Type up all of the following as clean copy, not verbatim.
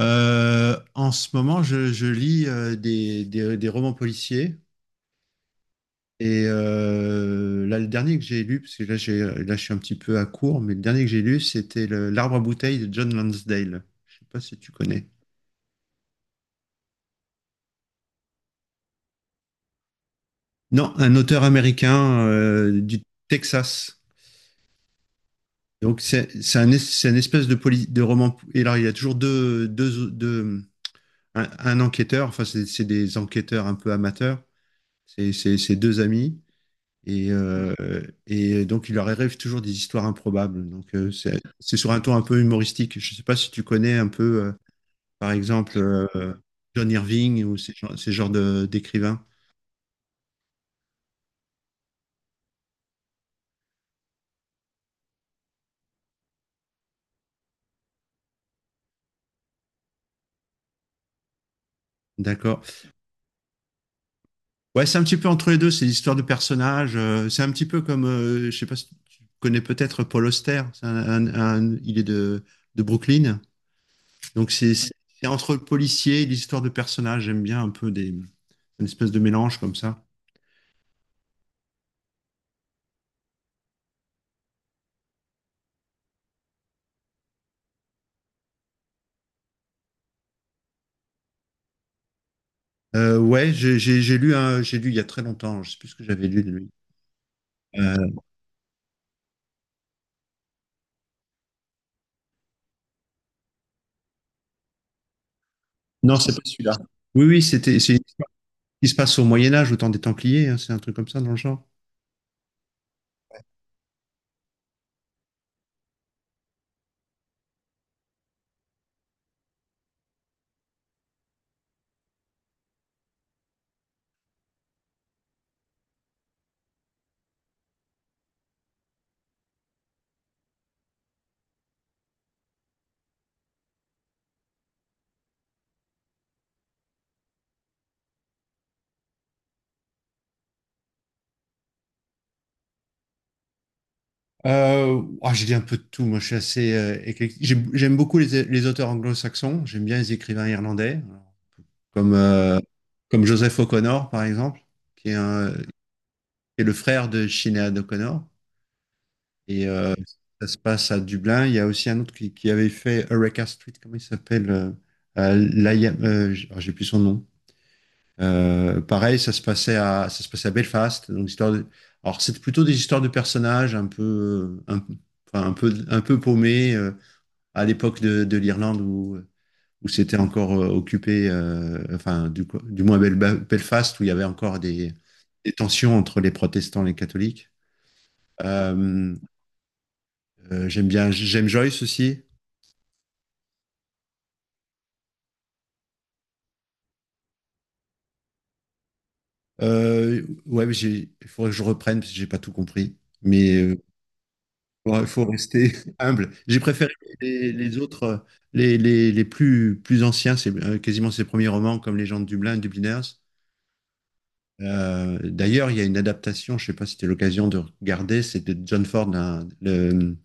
En ce moment, je lis des romans policiers. Et là, le dernier que j'ai lu, parce que là, je suis un petit peu à court, mais le dernier que j'ai lu, c'était L'Arbre à bouteilles de John Lansdale. Je sais pas si tu connais. Non, un auteur américain du Texas. Donc, c'est c'est une espèce de, de roman. Et là, il y a toujours un enquêteur, enfin, c'est des enquêteurs un peu amateurs. C'est deux amis. Et, euh, et donc, il leur arrive toujours des histoires improbables. Donc, c'est sur un ton un peu humoristique. Je ne sais pas si tu connais un peu, par exemple, John Irving ou ces genres d'écrivains. D'accord. Ouais, c'est un petit peu entre les deux. C'est l'histoire de personnages. C'est un petit peu comme, je sais pas si tu connais peut-être Paul Auster. C'est un- il est de Brooklyn. Donc, c'est entre le policier et l'histoire de personnages. J'aime bien un peu des, une espèce de mélange comme ça. Ouais, j'ai lu j'ai lu il y a très longtemps, je sais plus ce que j'avais lu de lui. Euh, non, c'est pas celui-là. Oui, c'est une histoire qui se passe au Moyen Âge, au temps des Templiers, hein, c'est un truc comme ça dans le genre. J'ai lu un peu de tout. Moi, je suis assez éclectique. J'aime beaucoup les auteurs anglo-saxons. J'aime bien les écrivains irlandais, comme euh, comme Joseph O'Connor, par exemple, qui est le frère de Sinéad O'Connor. Et ça se passe à Dublin. Il y a aussi un autre qui avait fait Eureka Street, comment il s'appelle? Alors, j'ai plus son nom. Pareil, ça se passait à Belfast. Donc, alors, c'était plutôt des histoires de personnages un peu, enfin, un peu paumés à l'époque de l'Irlande où c'était encore occupé, enfin, du moins Belfast, où il y avait encore des tensions entre les protestants et les catholiques. Euh, J'aime bien, j'aime Joyce aussi. Ouais, il faudrait que je reprenne parce que j'ai pas tout compris. Mais il faut rester humble. J'ai préféré les autres, les plus, plus anciens, c'est quasiment ses premiers romans comme Les gens de Dublin, Dubliners. D'ailleurs, il y a une adaptation, je sais pas si c'était l'occasion de regarder, c'est de John Ford, le,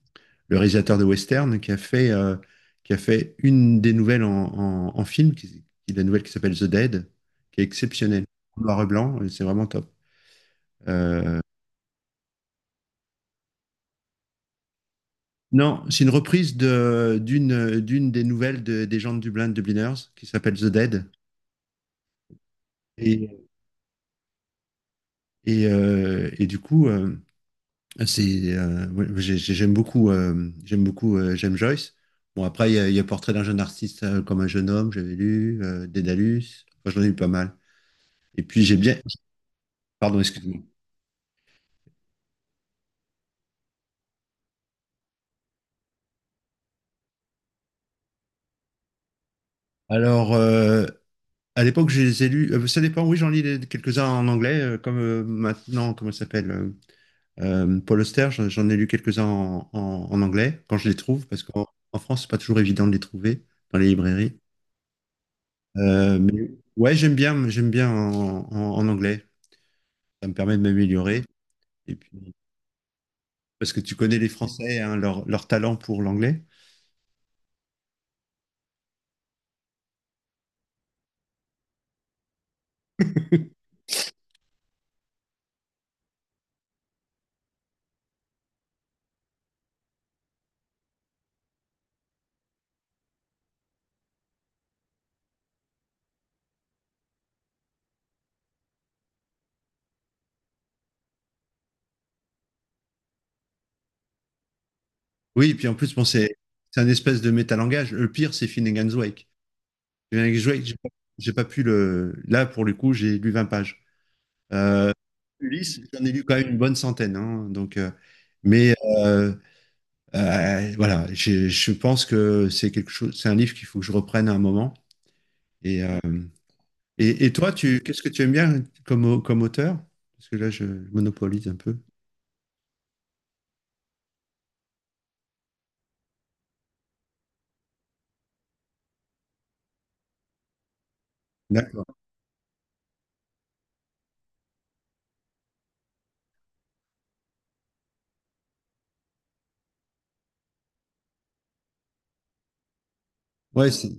le réalisateur de western, qui a fait une des nouvelles en film, qui est la nouvelle qui s'appelle The Dead, qui est exceptionnelle. En Noir et blanc, et c'est vraiment top. Euh, Non, c'est une reprise de, d'une des nouvelles des gens de Dublin, de Dubliners, qui s'appelle The Dead. Et, et du coup, c'est, Ouais, j'aime beaucoup, j'aime Joyce. Bon, après, il y a Portrait d'un jeune artiste comme un jeune homme, j'avais lu, Dédalus, enfin, j'en ai lu pas mal. Et puis, j'ai bien. Pardon, excuse-moi. Alors, à l'époque, je les ai lus. Ça dépend, oui, j'en lis quelques-uns en anglais, comme maintenant, comment ça s'appelle? Paul Auster, j'en ai lu quelques-uns en anglais, quand je les trouve, parce qu'en en France, c'est pas toujours évident de les trouver dans les librairies. Mais ouais, j'aime bien en anglais. Ça me permet de m'améliorer. Et puis, parce que tu connais les Français, hein, leur talent pour l'anglais. Oui, et puis en plus, bon, c'est un espèce de métalangage. Le pire, c'est Finnegan's Wake. Finnegan's Wake, j'ai pas pu le. Là, pour le coup, j'ai lu 20 pages. Euh, Ulysse, j'en ai lu quand même une bonne centaine. Hein, donc, mais euh, voilà, je pense que c'est quelque chose, c'est un livre qu'il faut que je reprenne à un moment. Et, euh, et toi, qu'est-ce que tu aimes bien comme, comme auteur? Parce que là, je monopolise un peu. D'accord. Ouais, c'est...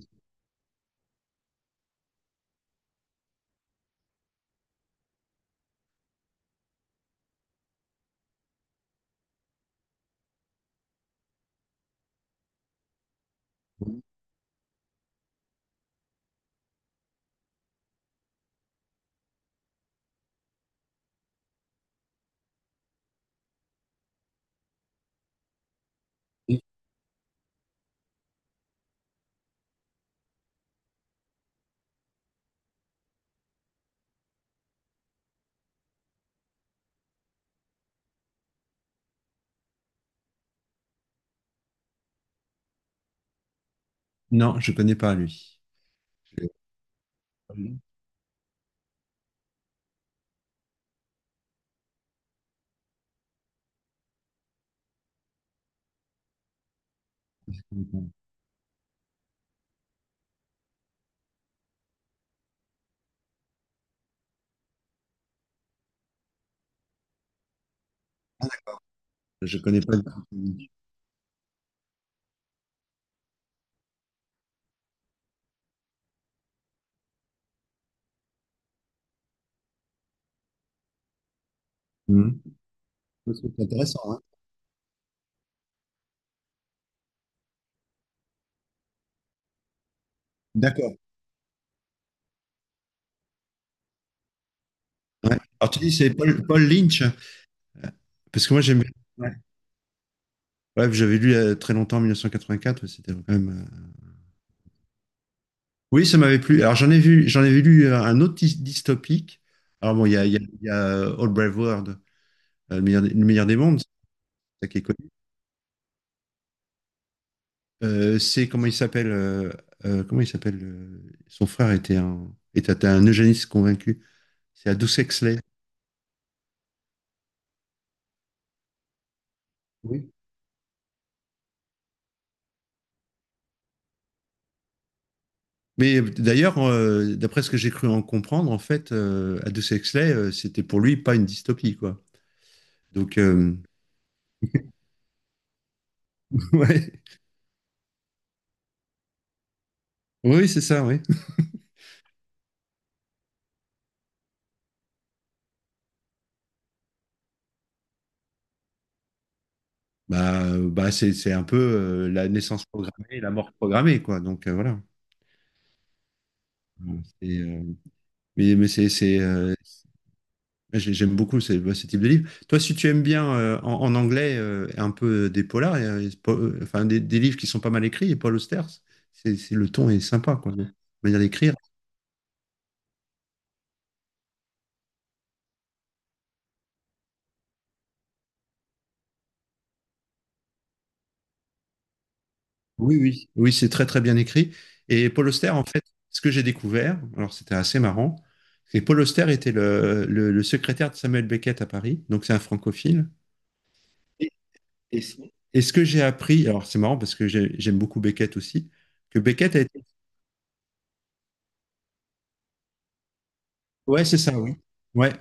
Non, je connais pas lui. Je je connais pas. Lui. Mhm. C'est intéressant, hein. D'accord. Ouais. Alors tu dis c'est Paul, Paul Lynch, parce que moi j'aime. Bien. Ouais. Ouais, j'avais lu très longtemps en 1984, c'était quand même. Oui, ça m'avait plu. Alors j'en ai vu, j'en avais lu un autre dystopique. Alors bon, il y a, All Brave World, le meilleur des mondes, c'est ça qui est connu. C'est comment il s'appelle son frère était un eugéniste convaincu. C'est Aldous Huxley. Oui. Mais d'ailleurs, d'après ce que j'ai cru en comprendre, en fait, Aldous Huxley, c'était pour lui pas une dystopie, quoi. Donc ouais, oui, c'est ça, oui. Bah, bah c'est un peu la naissance programmée et la mort programmée, quoi. Donc voilà. Euh, C'est, mais c'est, j'ai- J'aime beaucoup ce, ce type de livre. Toi, si tu aimes bien en anglais un peu des polars, enfin des livres qui sont pas mal écrits, et Paul Auster, le ton est sympa, quoi, de manière d'écrire. Oui, oui. Oui, c'est très très bien écrit. Et Paul Auster, en fait, ce que j'ai découvert, alors c'était assez marrant, c'est que Paul Auster était le secrétaire de Samuel Beckett à Paris, donc c'est un francophile. Et, ce et ce que j'ai appris, alors c'est marrant parce que j'aime beaucoup Beckett aussi, que Beckett a été... Ouais, c'est ça, oui. Ouais.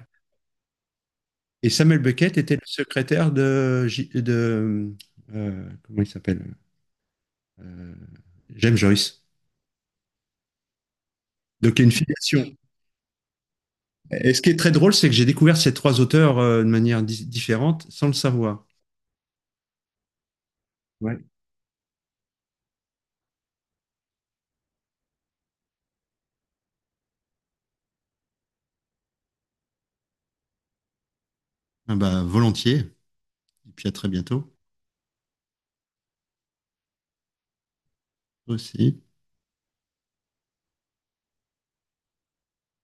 Et Samuel Beckett était le secrétaire de... De comment il s'appelle? Euh, James Joyce. Donc il y a une filiation. Et ce qui est très drôle, c'est que j'ai découvert ces trois auteurs de manière différente sans le savoir. Ouais. Ah bah, volontiers. Et puis à très bientôt aussi.